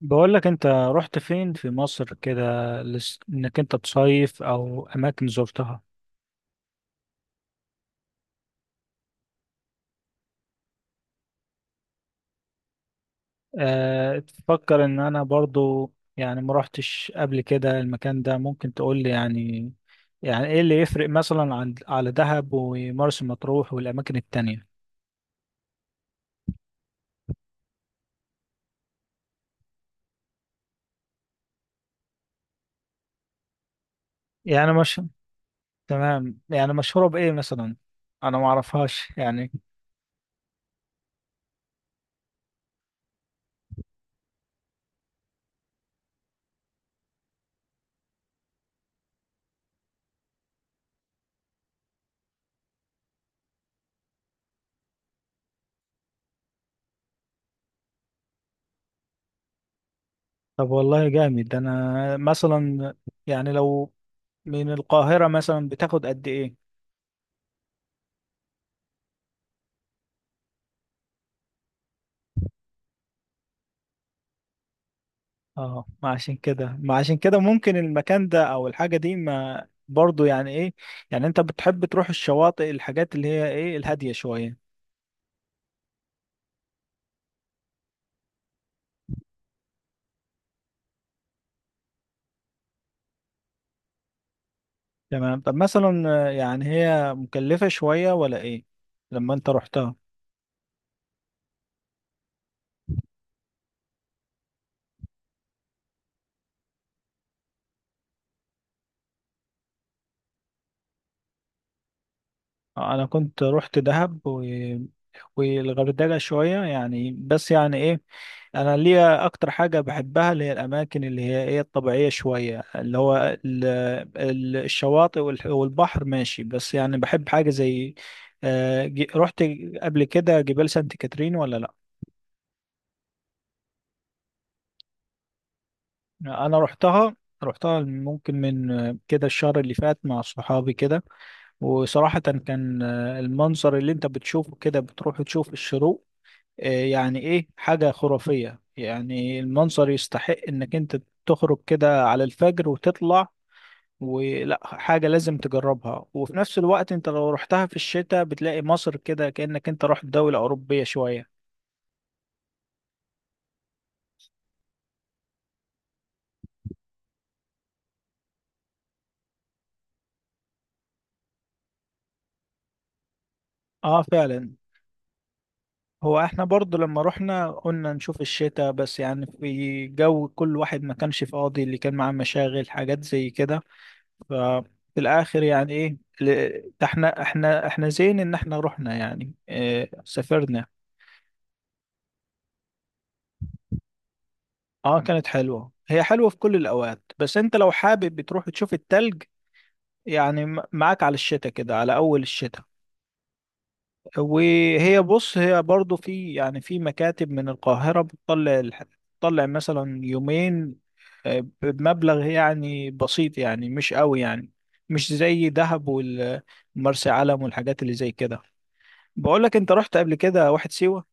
بقول لك انت رحت فين في مصر كده؟ انك انت تصيف او اماكن زرتها؟ أه، تفكر ان انا برضو يعني ما رحتش قبل كده المكان ده، ممكن تقول لي يعني؟ يعني ايه اللي يفرق مثلا عن على دهب ومرسى مطروح والاماكن التانية؟ يعني مش تمام، يعني مشهورة بايه مثلا؟ انا ما اعرفهاش يعني. طب والله جامد. انا مثلا يعني لو من القاهرة مثلا بتاخد قد ايه؟ اه، ما عشان كده ممكن المكان ده او الحاجة دي ما برضو يعني ايه. يعني انت بتحب تروح الشواطئ، الحاجات اللي هي ايه، الهادية شوية؟ تمام. طب مثلا يعني هي مكلفة شوية ولا ايه؟ لما انت رحتها. انا كنت رحت دهب والغردقة شوية يعني، بس يعني ايه، انا ليا اكتر حاجه بحبها اللي هي الاماكن اللي هي ايه الطبيعيه شويه، اللي هو ال- الشواطئ والبحر ماشي، بس يعني بحب حاجه زي رحت قبل كده جبال سانت كاترين ولا لا؟ انا رحتها. رحتها ممكن من كده الشهر اللي فات مع صحابي كده. وصراحه كان المنظر اللي انت بتشوفه كده، بتروح تشوف الشروق، يعني ايه، حاجه خرافيه. يعني المنظر يستحق انك انت تخرج كده على الفجر وتطلع، ولا حاجة لازم تجربها. وفي نفس الوقت انت لو رحتها في الشتاء بتلاقي مصر كده كأنك انت رحت دولة أوروبية شوية. اه فعلا. هو احنا برضو لما رحنا قلنا نشوف الشتاء، بس يعني في جو كل واحد ما كانش فاضي، اللي كان معاه مشاغل حاجات زي كده. ففي الآخر يعني ايه احنا زين ان احنا رحنا، يعني اه سافرنا. اه كانت حلوة. هي حلوة في كل الأوقات، بس انت لو حابب بتروح تشوف التلج يعني معاك على الشتاء كده، على أول الشتاء. وهي بص، هي برضو في يعني في مكاتب من القاهرة بتطلع بتطلع مثلا يومين بمبلغ يعني بسيط، يعني مش قوي يعني، مش زي دهب والمرسى علم والحاجات اللي زي كده. بقول لك انت رحت قبل كده واحد سيوة؟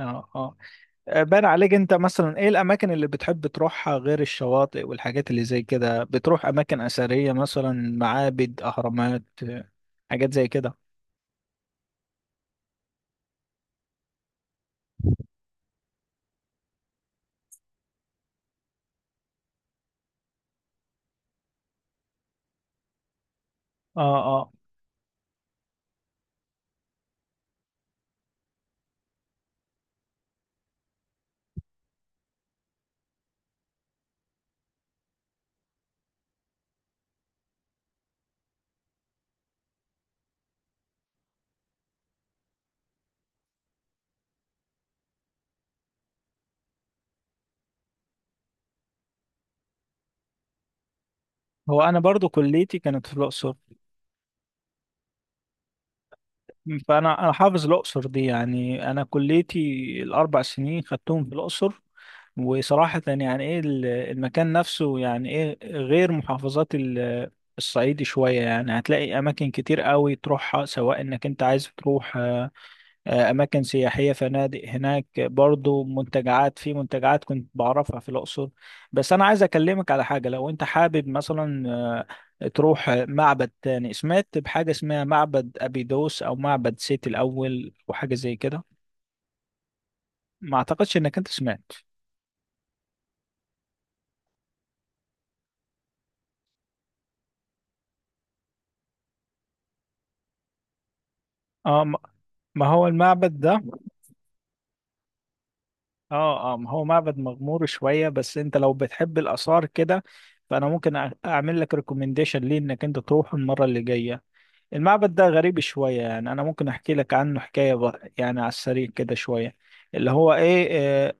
اه، اه. بان عليك، انت مثلا ايه الاماكن اللي بتحب تروحها غير الشواطئ والحاجات اللي زي كده؟ بتروح اماكن اثريه مثلا، معابد، اهرامات، حاجات زي كده؟ اه، اه. هو انا برضو كليتي كانت في الاقصر. فانا حافظ الاقصر دي يعني. انا كليتي الاربع سنين خدتهم في الاقصر. وصراحه يعني ايه، المكان نفسه يعني ايه، غير محافظات الصعيد شويه يعني، هتلاقي اماكن كتير قوي تروحها، سواء انك انت عايز تروح أماكن سياحية، فنادق هناك، برضو منتجعات، في منتجعات كنت بعرفها في الأقصر. بس أنا عايز أكلمك على حاجة، لو أنت حابب مثلا تروح معبد تاني. سمعت بحاجة اسمها معبد أبيدوس أو معبد سيتي الأول وحاجة زي كده؟ ما أعتقدش إنك أنت سمعت. اه، ما هو المعبد ده. اه، اه. ما هو معبد مغمور شوية، بس انت لو بتحب الآثار كده، فأنا ممكن أعمل لك ريكومنديشن ليه إنك أنت تروح المرة اللي جاية. المعبد ده غريب شوية يعني. أنا ممكن أحكي لك عنه حكاية بقى، يعني على السريع كده شوية، اللي هو إيه آه،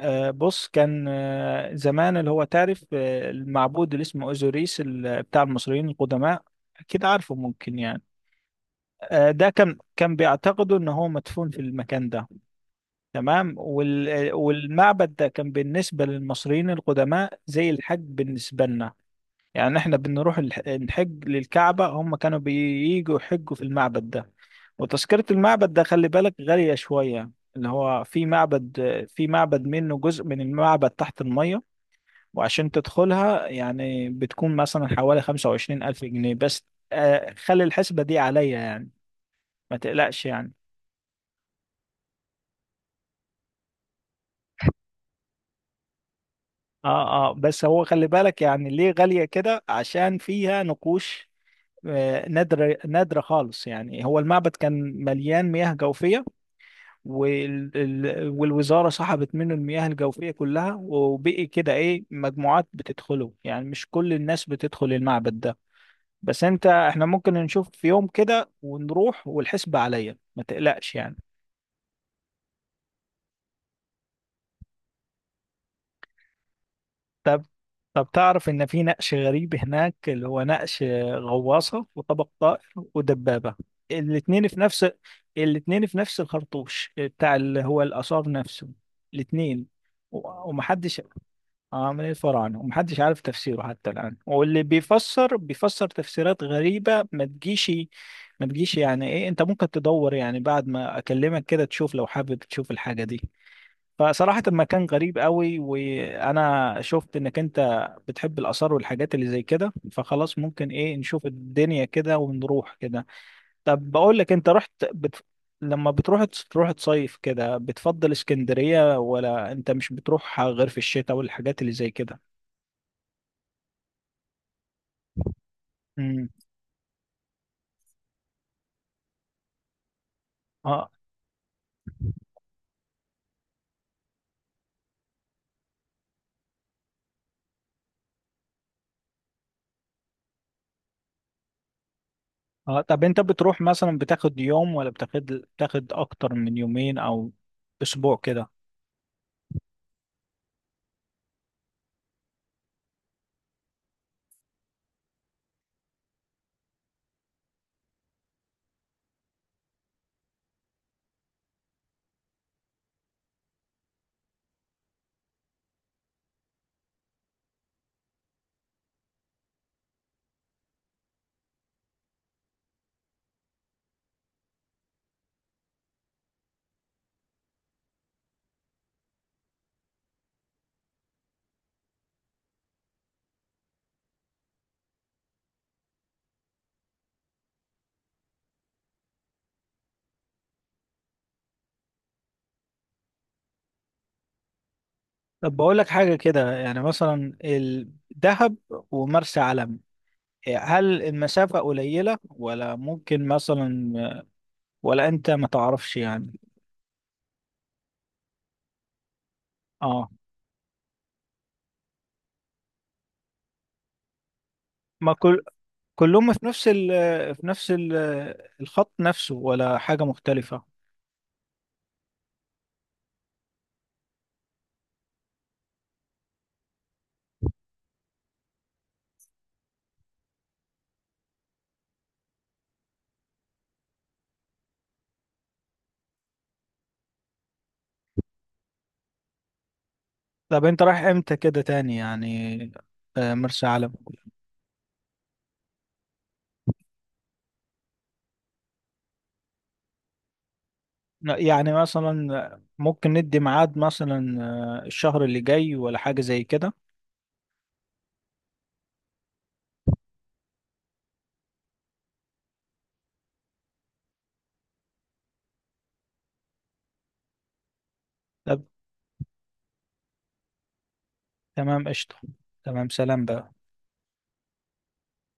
آه، بص. كان زمان، اللي هو تعرف المعبود اللي اسمه أوزوريس بتاع المصريين القدماء، أكيد عارفه ممكن يعني. ده كان بيعتقدوا إن هو مدفون في المكان ده. تمام. والمعبد ده كان بالنسبة للمصريين القدماء زي الحج بالنسبة لنا. يعني احنا بنروح نحج للكعبة، هم كانوا بييجوا يحجوا في المعبد ده. وتذكرة المعبد ده خلي بالك غالية شوية. اللي هو في معبد، منه جزء من المعبد تحت المية. وعشان تدخلها يعني بتكون مثلا حوالي 25,000 جنيه بس. خلي الحسبة دي عليا يعني، ما تقلقش يعني. اه، اه. بس هو خلي بالك يعني ليه غالية كده؟ عشان فيها نقوش نادرة، نادرة خالص يعني. هو المعبد كان مليان مياه جوفية، والوزارة سحبت منه المياه الجوفية كلها. وبقي كده ايه، مجموعات بتدخله يعني، مش كل الناس بتدخل المعبد ده. بس انت، احنا ممكن نشوف في يوم كده ونروح، والحسبة عليا، ما تقلقش يعني. طب. طب تعرف ان في نقش غريب هناك، اللي هو نقش غواصة وطبق طائر ودبابة. الاتنين في نفس الاتنين في نفس الخرطوش بتاع اللي هو الآثار نفسه، الاتنين، ومحدش عامل ايه الفرع عنه، ومحدش عارف تفسيره حتى الآن. واللي بيفسر بيفسر تفسيرات غريبة ما تجيش. يعني ايه، انت ممكن تدور يعني بعد ما اكلمك كده، تشوف لو حابب تشوف الحاجة دي. فصراحة المكان غريب قوي، وانا شفت انك انت بتحب الاثار والحاجات اللي زي كده، فخلاص ممكن ايه نشوف الدنيا كده ونروح كده. طب بقول لك انت رحت لما بتروح، تروح تصيف كده، بتفضل اسكندرية ولا انت مش بتروح غير في الشتاء والحاجات اللي زي كده؟ امم. اه، اه. طب انت بتروح مثلا بتاخد يوم، ولا بتاخد اكتر من يومين او اسبوع كده؟ طب بقول لك حاجه كده، يعني مثلا دهب ومرسى علم، هل المسافه قليله ولا ممكن مثلا، ولا انت ما تعرفش يعني؟ اه. ما كلهم في نفس ال في نفس ال الخط نفسه ولا حاجه مختلفه؟ طب انت رايح امتى كده تاني يعني؟ مرسى علم. يعني مثلا ممكن ندي ميعاد مثلا الشهر اللي جاي ولا حاجة زي كده؟ طب. تمام قشطة. تمام، سلام بقى.